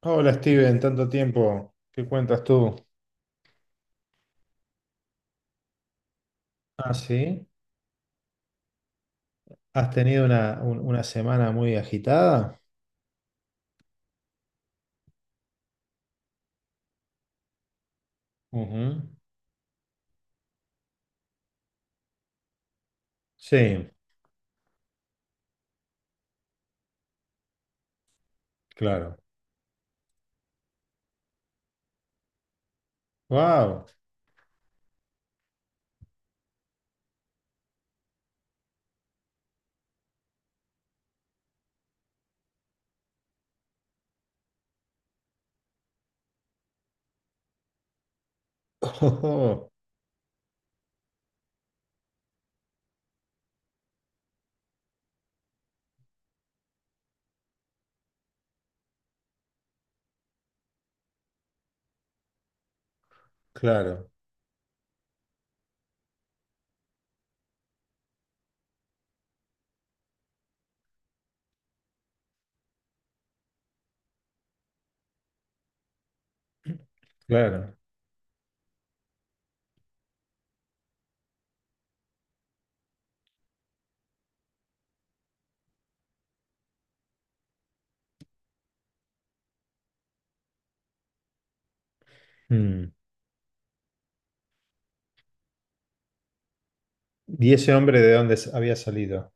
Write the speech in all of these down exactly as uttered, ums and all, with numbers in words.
Hola Steven, tanto tiempo. ¿Qué cuentas tú? Ah, sí. ¿Has tenido una, un- una semana muy agitada? Ujú. Sí, claro. ¡Wow! Claro, claro. Mm. ¿Y ese hombre de dónde s- había salido?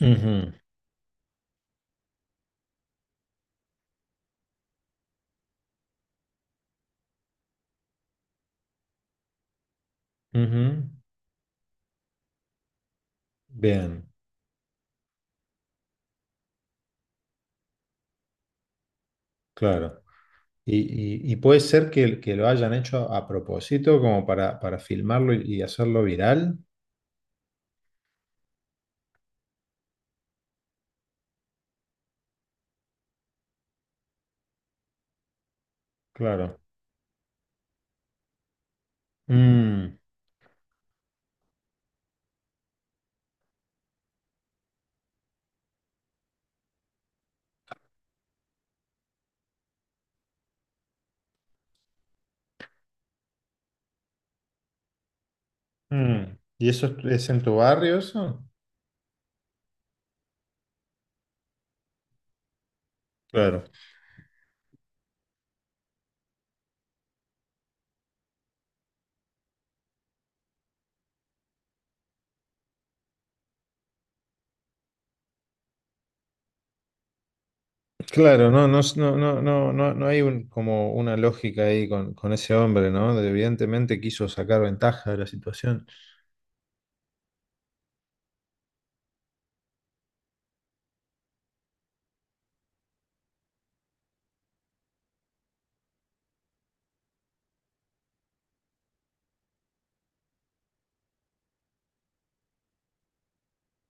Ujú, ujú. Bien, claro. Y, y- y puede ser que, que, lo hayan hecho a propósito, como para, para, filmarlo y, y hacerlo viral. Claro. Mm, mm. ¿Y eso es es en tu barrio, eso? Claro, claro, no, no, no, no, no, no no hay un- como una lógica ahí con, con ese hombre, ¿no? De- Evidentemente quiso sacar ventaja de la situación.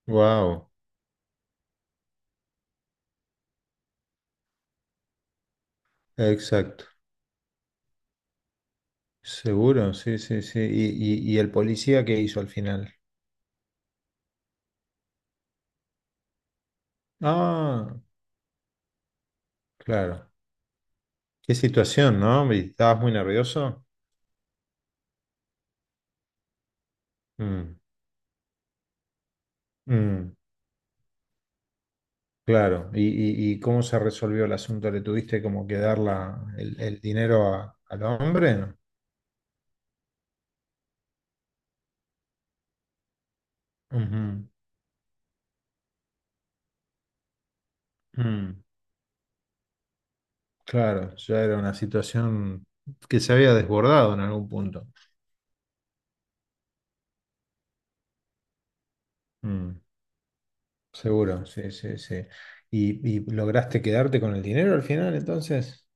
Wow, exacto. Seguro, sí, sí, sí. ¿Y, y, y el policía qué hizo al final? Ah, claro. Qué situación, ¿no? ¿Y ¿Estabas muy nervioso? Mm, mm, claro. ¿Y, y, y cómo se resolvió el asunto? ¿Le tuviste como que dar la, el, el dinero a- al hombre? Ujú, mm. Claro, ya era una situación que se había desbordado en algún punto. Mm, seguro, sí, sí, sí. ¿Y, y lograste quedarte con el dinero al final, entonces?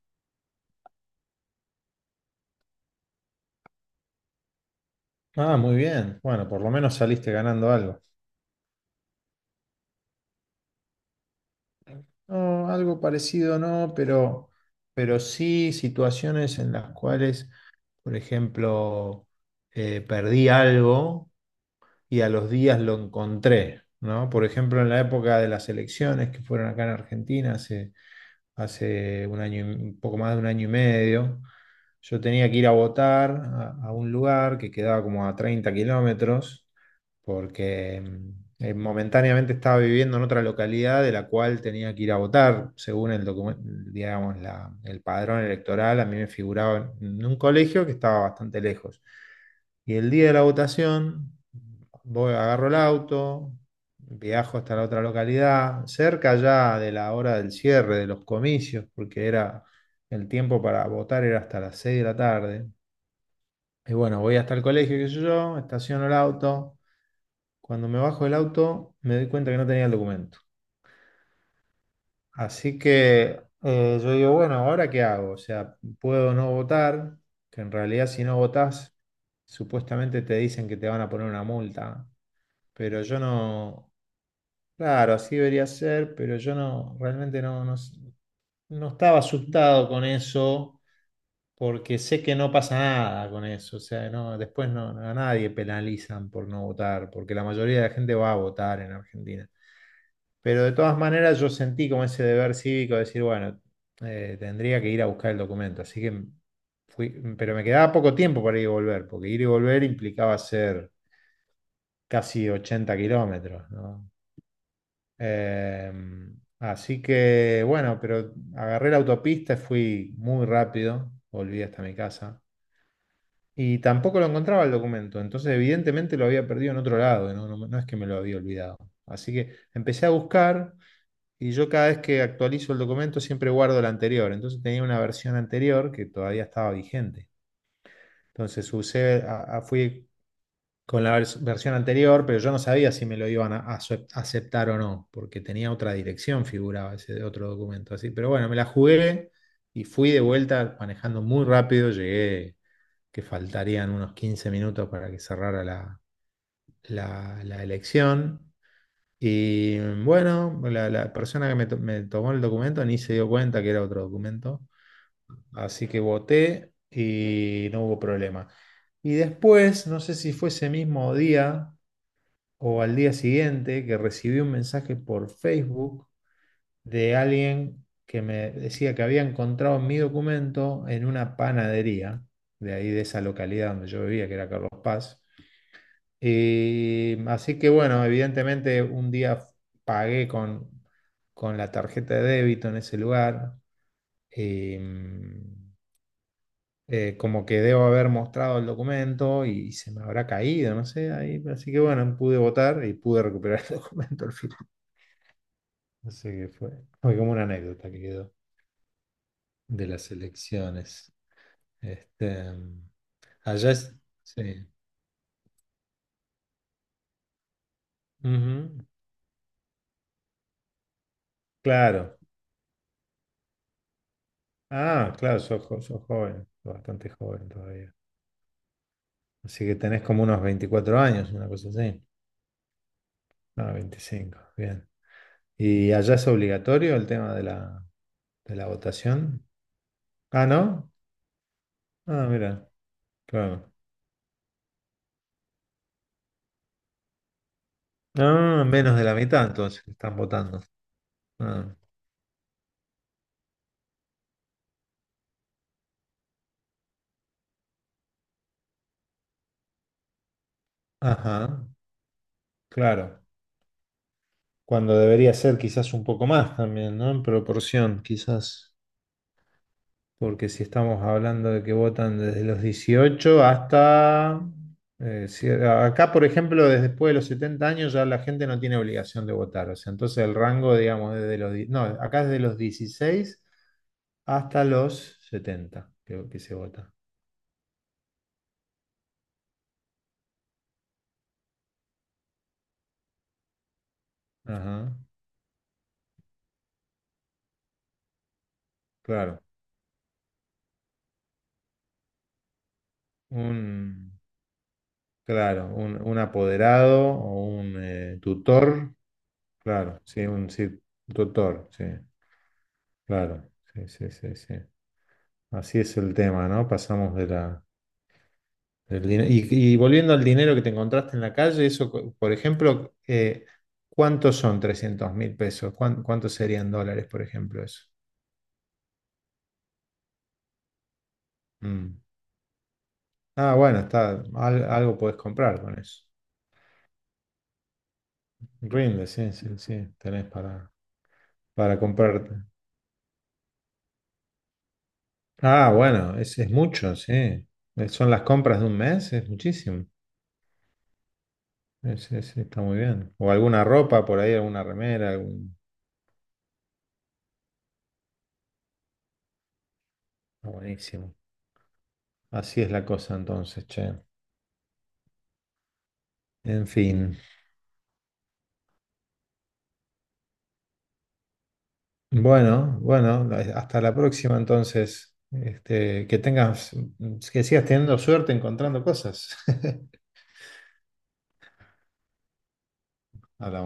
Ah, muy bien. Bueno, por lo menos saliste ganando algo. No, algo parecido no, pero, pero sí situaciones en las cuales, por ejemplo, eh, perdí algo y a los días lo encontré, ¿no? Por ejemplo, en la época de las elecciones que fueron acá en Argentina, hace un año, y- un poco más de un año y medio. Yo tenía que ir a votar a, a un lugar que quedaba como a treinta kilómetros, porque mm, eh, momentáneamente estaba viviendo en otra localidad de la cual tenía que ir a votar, según el docu- digamos, la- el padrón electoral, a mí me figuraba en en un colegio que estaba bastante lejos. Y el día de la votación, voy, agarro el auto, viajo hasta la otra localidad, cerca ya de la hora del cierre de los comicios, porque era el tiempo para votar era hasta las seis de la tarde. Y bueno, voy hasta el colegio, qué sé yo, estaciono el auto. Cuando me bajo del auto, me doy cuenta que no tenía el documento. Así que eh, yo digo, bueno, ¿ahora qué hago? O sea, puedo no votar, que en realidad si no votás, supuestamente te dicen que te van a poner una multa. Pero yo no, claro, así debería ser, pero yo no, realmente no, no, no estaba asustado con eso porque sé que no pasa nada con eso, o sea, no, después no, no, a nadie penalizan por no votar, porque la mayoría de la gente va a votar en Argentina. Pero de todas maneras yo sentí como ese deber cívico de decir, bueno, eh, tendría que ir a buscar el documento, así que fui, pero me quedaba poco tiempo para ir y volver, porque ir y volver implicaba hacer casi ochenta kilómetros, ¿no? Eh, así que bueno, pero agarré la autopista, fui muy rápido, volví hasta mi casa. Y tampoco lo encontraba el documento, entonces evidentemente lo había perdido en otro lado, no, no- no es que me lo había olvidado. Así que empecé a buscar y yo cada vez que actualizo el documento siempre guardo el anterior, entonces tenía una versión anterior que todavía estaba vigente. Entonces usé, a- a- fui con la vers- versión anterior, pero yo no sabía si me lo iban a, a aceptar o no, porque tenía otra dirección, figuraba ese otro documento así. Pero bueno, me la jugué y fui de vuelta manejando muy rápido, llegué que faltarían unos quince minutos para que cerrara la, la, la elección. Y bueno, la, la persona que me, to- me tomó el documento ni se dio cuenta que era otro documento. Así que voté y no hubo problema. Y después, no sé si fue ese mismo día o al día siguiente, que recibí un mensaje por Facebook de alguien que me decía que había encontrado mi documento en una panadería de ahí de esa localidad donde yo vivía, que era Carlos Paz. Eh, así que bueno, evidentemente un día pagué con, con, la tarjeta de débito en ese lugar. eh, eh, Como que debo haber mostrado el documento y se me habrá caído, no sé, ahí. Así que bueno, pude votar y pude recuperar el documento al final. Así que fue, fue como una anécdota que quedó de las elecciones. Este, allá es- sí. Ujú. Claro. Ah, claro, sos, jo- sos joven, bastante joven todavía. Así que tenés como unos veinticuatro años, una cosa así. No, veinticinco. Bien. ¿Y allá es obligatorio el tema de la, de la votación? Ah, ¿no? Ah, mira, claro. Ah, menos de la mitad entonces que están votando. Ah, ajá, claro. Cuando debería ser quizás un poco más también, ¿no? En proporción, quizás. Porque si estamos hablando de que votan desde los dieciocho hasta, eh, si- acá, por ejemplo, desde después de los setenta años ya la gente no tiene obligación de votar. O sea, entonces el rango, digamos, desde los di- no, acá es de los dieciséis hasta los setenta que, que se vota. Ajá, claro. Un, claro, un, un apoderado o un eh, tutor. Claro, sí, un sí, tutor, sí. Claro, sí, sí, sí, sí. Así es el tema, ¿no? Pasamos de la, del dinero. Y, y volviendo al dinero que te encontraste en la calle, eso, co- por ejemplo, eh, ¿cuántos son trescientos mil pesos? ¿Cuán- ¿Cuántos serían dólares, por ejemplo, eso? Mm. Ah, bueno, está, al- algo podés comprar con eso. Rinde, sí, sí, sí, tenés para, para, comprarte. Ah, bueno, es, es mucho, sí. Eh, son las compras de un mes, es muchísimo. Es- es- está muy bien. O alguna ropa por ahí, alguna remera, algún... Está buenísimo. Así es la cosa entonces, che. En fin. Bueno, bueno, hasta la próxima entonces. Este, que tengas, que sigas teniendo suerte encontrando cosas. Hablamos.